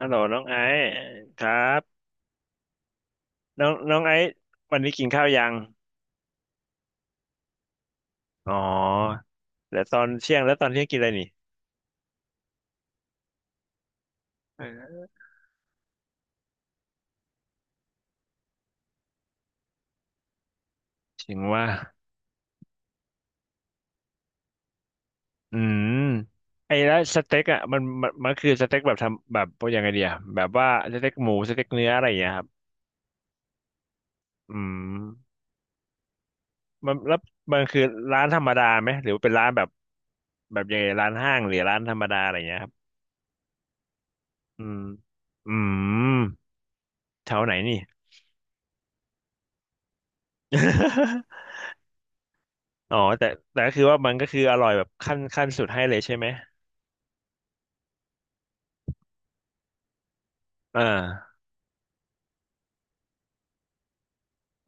ฮัลโหลน้องไอซ์ครับน้องน้องไอซ์วันนี้กินข้าวยังอ๋อแล้วตอนเที่ยงแล้วตอนเที่ยงกินอะไรนี่เออถึงว่าอืมไอ้แล้วสเต็กอ่ะมันคือสเต็กแบบทำแบบพวกยังไงเดียแบบว่าสเต็กหมูสเต็กเนื้ออะไรอย่างเงี้ยครับอืมมันแล้วมันคือร้านธรรมดาไหมหรือว่าเป็นร้านแบบแบบยังไงร้านห้างหรือร้านธรรมดาอะไรอย่างเงี้ยครับอืมอืมแถวไหนนี่ อ๋อแต่แต่ก็คือว่ามันก็คืออร่อยแบบขั้นสุดให้เลยใช่ไหมอ่า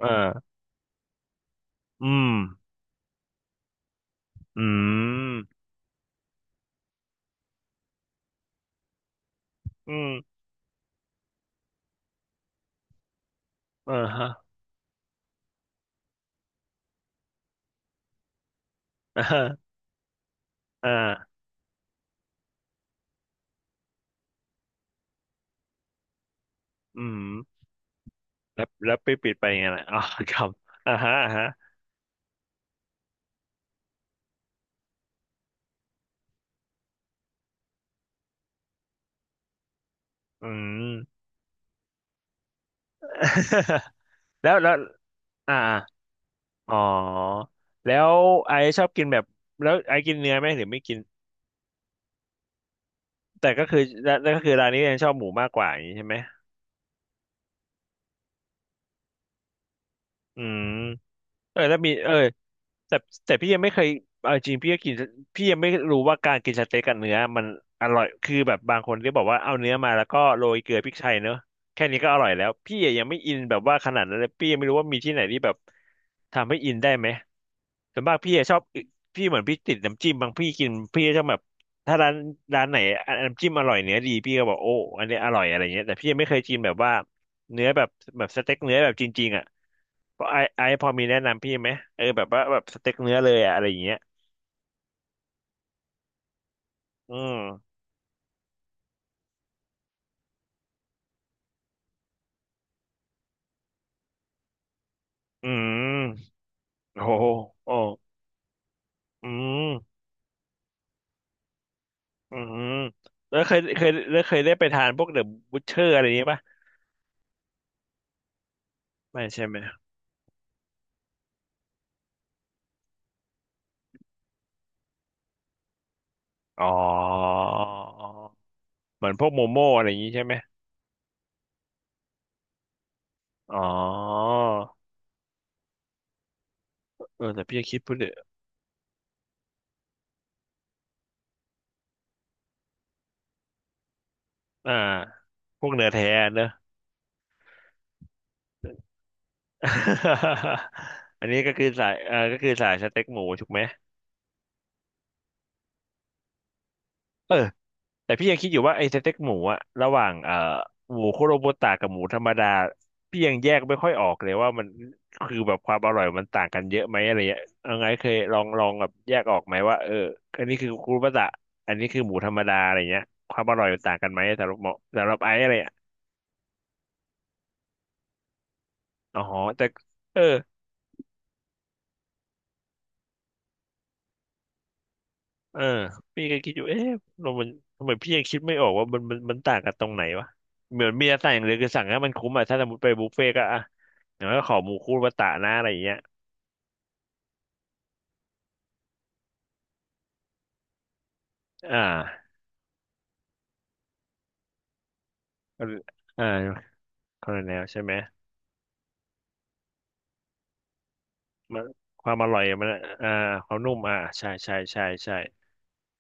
อ่าอืมอืมอืมอ่าฮะอ่าฮะอ่าอืมแล้วไปปิดไปไงล่ะอ๋อครับอ่าฮะอ่าฮะอืม แล้วอ่าอ๋อแล้วไอชอบกินแบบแล้วไอกินเนื้อไหมหรือไม่กินแต่ก็คือแล้วก็คือร้านนี้ยังชอบหมูมากกว่าอย่างนี้ใช่ไหมอืมเออแล้วมีเออ แต่แต่พี่ยังไม่เคยเอาจริงพี่ก็กินพี่ยังไม่รู้ว่าการกินสเต็กกับเนื้อมันอร่อยคือแบบบางคนที่บอกว่าเอาเนื้อมาแล้วก็โรยเกลือพริกไทยเนอะแค่นี้ก็อร่อยแล้วพี่ยังไม่อินแบบว่าขนาดนั้นเลยพี่ยังไม่รู้ว่ามีที่ไหนที่แบบทำให้อินได้ไหมส่วนมากพี่อะชอบพี่เหมือนพี่ติดน้ำจิ้มบางพี่กินพี่จะชอบแบบถ้าร้านร้านไหนอน้ำจิ้มอร่อยเนื้อดีพี่ก็บอกโอ้อันนี้อร่อยอะไรเงี้ยแต่พี่ยังไม่เคยกินแบบว่าเนื้อแบบแบบสเต็กเนื้อแบบจริงๆอ่ะ เพราะไอพอมีแนะนำพี่ไหมเออแบบว่าแบบสเต็กเนื้อเลยอะอะไรอย่างเงี้ยอืมอืมโอ้โหโอ้อืมอืมแล้วเคยเคยแล้วเคยได้ไปทานพวกเดอะบูชเชอร์อะไรอย่างงี้ปะไม่ใช่ไหมอ๋อเหมือนพวกโมโม่อะไรอย่างงี้ใช่ไหมอ๋อเออแต่พี่คิดพูดเดอะอ่าพวกเนื้อแท้เนอะ อันนี้ก็คือสายเออก็คือสายสเต็กหมูถูกไหมเออ แต่พี่ยังคิดอยู่ว่าไอ้สเต็กหมูอะระหว่างหมูคุโรบุตะกับหมูธรรมดาพี่ยังแยกไม่ค่อยออกเลยว่ามันคือแบบความอร่อยมันต่างกันเยอะไหมอะไรเงี้ยเอาไงเคยลองลองแบบแยกออกไหมว่าเอออันนี้คือคุโรบุตะอันนี้คือหมูธรรมดาอะไรเงี้ยความอร่อยมันต่างกันไหมสำหรับหมอสำหรับไอ้อะไรอะอ๋อแต่เออเออพี่ก็คิดอยู่เอ๊ะเรามันทำไมพี่ยังคิดไม่ออกว่ามันต่างกันตรงไหนวะเหมือนมีอะไรต่างอย่างเลยวคือสั่งให้มันคุ้มอะถ้าสมมติไปบุฟเฟ่ต์ก็อะอย่างน้อยก็ขอหมูคุโรบุตะนะอะไรอย่างเงี้ย อ่าอ่าคาราเมลใช่ไหมมันความอร่อยมันอ่าความนุ่มอ่าใช่ใช่ใช่ใช่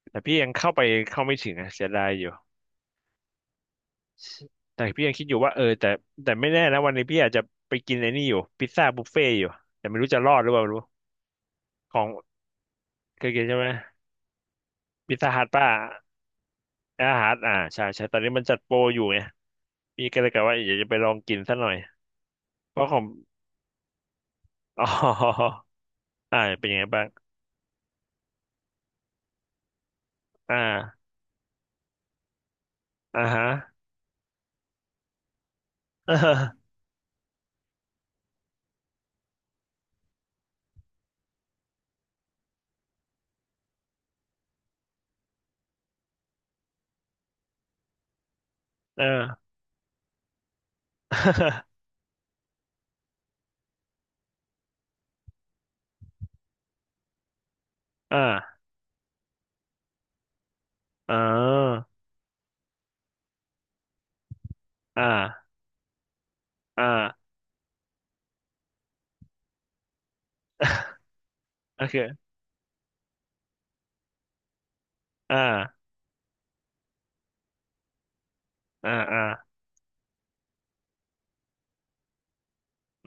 แต่พี่ยังเข้าไปเข้าไม่ถึงอะเสียดายอยู่แต่พี่ยังคิดอยู่ว่าเออแต่แต่ไม่แน่นะวันนี้พี่อาจจะไปกินไอ้นี่อยู่พิซซ่าบุฟเฟ่์อยู่แต่ไม่รู้จะรอดหรือเปล่าไม่รู้ของเคยกินใช่ไหมพิซซ่าฮัทป่ะอาฮัทอ่าใช่ใช่ตอนนี้มันจัดโปรอยู่ไงพี่ก็เลยกะว่าอยากจะไปลองกินสักหน่อยเพราะของ อ๋ออ่าเป็นยังไงบ้างอ่าอ่าฮะ เออเออ อ่าอ่าอ่าอ่า โอเคอ่าอ่าอ่า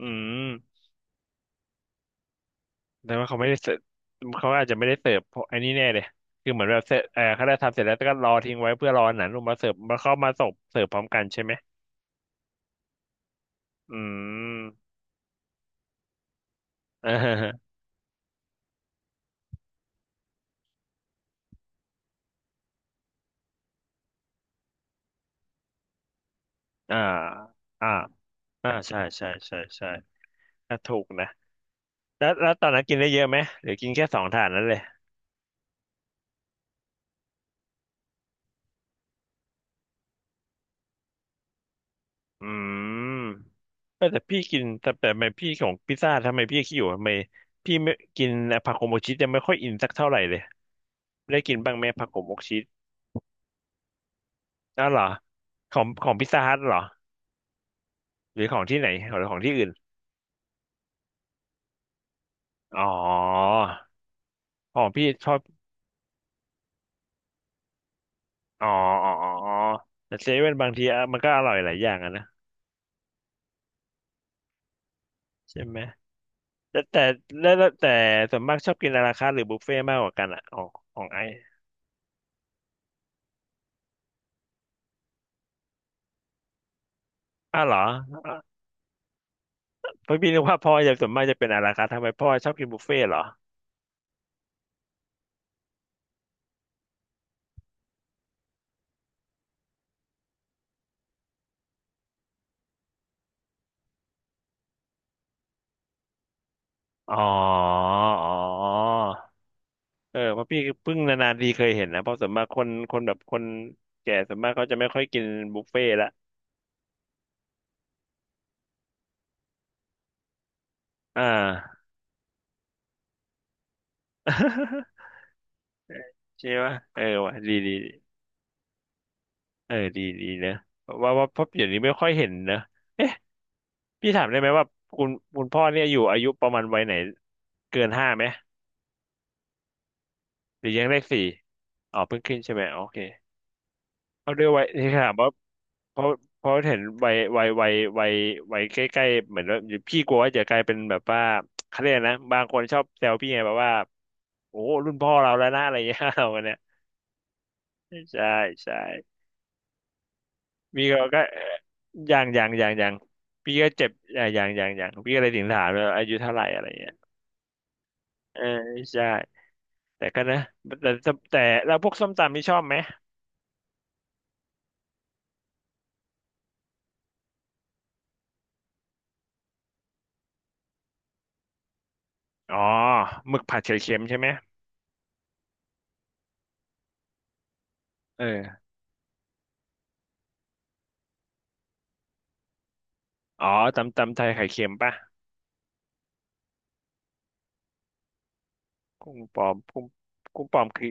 อืมแต่ว่าเขาไม่ได้เสิร์ฟเขาอาจจะไม่ได้เสิร์ฟเพราะไอ้นี่แน่เลยคือเหมือนแบบเสร็จเออเขาได้ทำเสร็จแล้วก็รอทิ้งไว้เพื่อรอหนังลงมาเสิร์ฟมาเข้ามาส่งเสิร์ฟพร้อมกันใช่ไหมอืม อ่าอ่าอ่าอ่าใช่ใช่ใช่ใช่ถถูกนะแล้วตอนนั้นกินได้เยอะไหมหรือกินแค่2 ถาดนั้นเลย อืมเออแต่พี่กินแต่แต่ทำไมพี่ของพิซซ่าทำไมพี่ขี้อยู่ทำไมพี่ไม่กินผักโขมกชีสยังไม่ค่อยอินสักเท่าไหร่เลยได้กินบ้างไหมผักโขมกชีสอ้าวเหรอของของพิซซ่าฮัทเหรอหรือของที่ไหนหรือของที่อื่นอ๋อของพี่ชอบอ๋ออ๋ออ๋ออ๋อแต่เซเว่นบางทีอะมันก็อร่อยหลายอย่างอะนะใช่ไหมแต่แต่แล้วแต่ส่วนมากชอบกินอาราคาร์ทหรือบุฟเฟ่ต์มากกว่ากันอะของของไออ้าวเหรอ เพราะพี่นึกว่าพ่อจะส่วนมากจะเป็นอะไรคะทำไมพ่อชอบกินบุฟเฟ่ต์เหรออ๋ออ๋อเออเพราะพี่เพิ่งนานๆทีเคยเห็นนะเพราะส่วนมากคนแบบคนแก่ส่วนมากเขาจะไม่ค่อยกินบุฟเฟ่ต์ละอ่า ใช่ปะเออว่ะดีดีดีเออดีดีเนอะว่าเพราะเดี๋ยวนี้ไม่ค่อยเห็นเนอะเอ๊ะพี่ถามได้ไหมว่าคุณคุณพ่อเนี่ยอยู่อายุประมาณวัยไหนเกินห้าไหมหรือยังเลขสี่อ๋อเพิ่งขึ้นใช่ไหมโอเคเอาด้วยวัยที่ถามว่า เพราะเพราะเห็นวัยวัยใกล้ๆเหมือนว่าพี่กลัวว่าจะกลายเป็นแบบว่าเขาเรียกนะบางคนชอบแซวพี่ไงแบบว่าโอ้รุ่นพ่อเราแล้วนะอะไรอย่างเงี้ย เราเนี่ยใช่ใช่พี่ก็อย่างพี่ก็เจ็บอย่างพี่ก็เลยถามว่าอายุเท่าไหร่อะไรเงี้ยเออใช่แต่ก็นะแต่แล้วพวกส้มตำนี่ชอบไหมอ๋อหมึกผัดไข่เค็มใช่ไหมเอออ๋อตำไทยไข่เค็มป่ะกุ้งปลอมกุ้งกุ้งปลอมคือ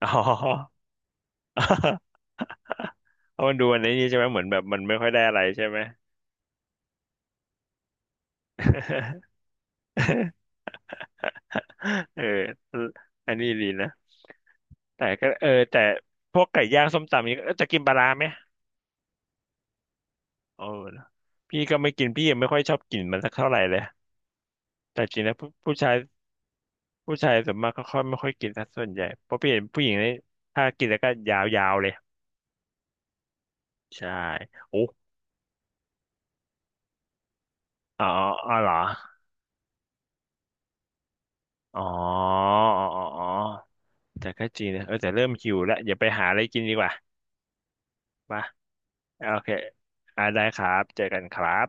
อ๋อ เอามันดูอันนี้ใช่ไหมเหมือนแบบมันไม่ค่อยได้อะไรใช่ไหม เอออันนี้ดีนะแต่ก็เออแต่พวกไก่ย่างส้มตำนี้เออจะกินปลาร้าไหมเออพี่ก็ไม่กินพี่ยังไม่ค่อยชอบกินมันสักเท่าไหร่เลยแต่จริงแล้วผู้ชายผู้ชายส่วนมากก็ค่อยไม่ค่อยกินสักส่วนใหญ่เพราะพี่เห็นผู้หญิงนี่ถ้ากินแล้วก็ยาวๆเลยใช่โอ้อ๋ออ๋อเหรออ๋ออ๋ออ๋ออ๋อแต่ก็จริงนะเออแต่เริ่มหิวแล้วอย่าไปหาอะไรกินดีกว่ามา โอเคอ่าได้ครับเจอกันครับ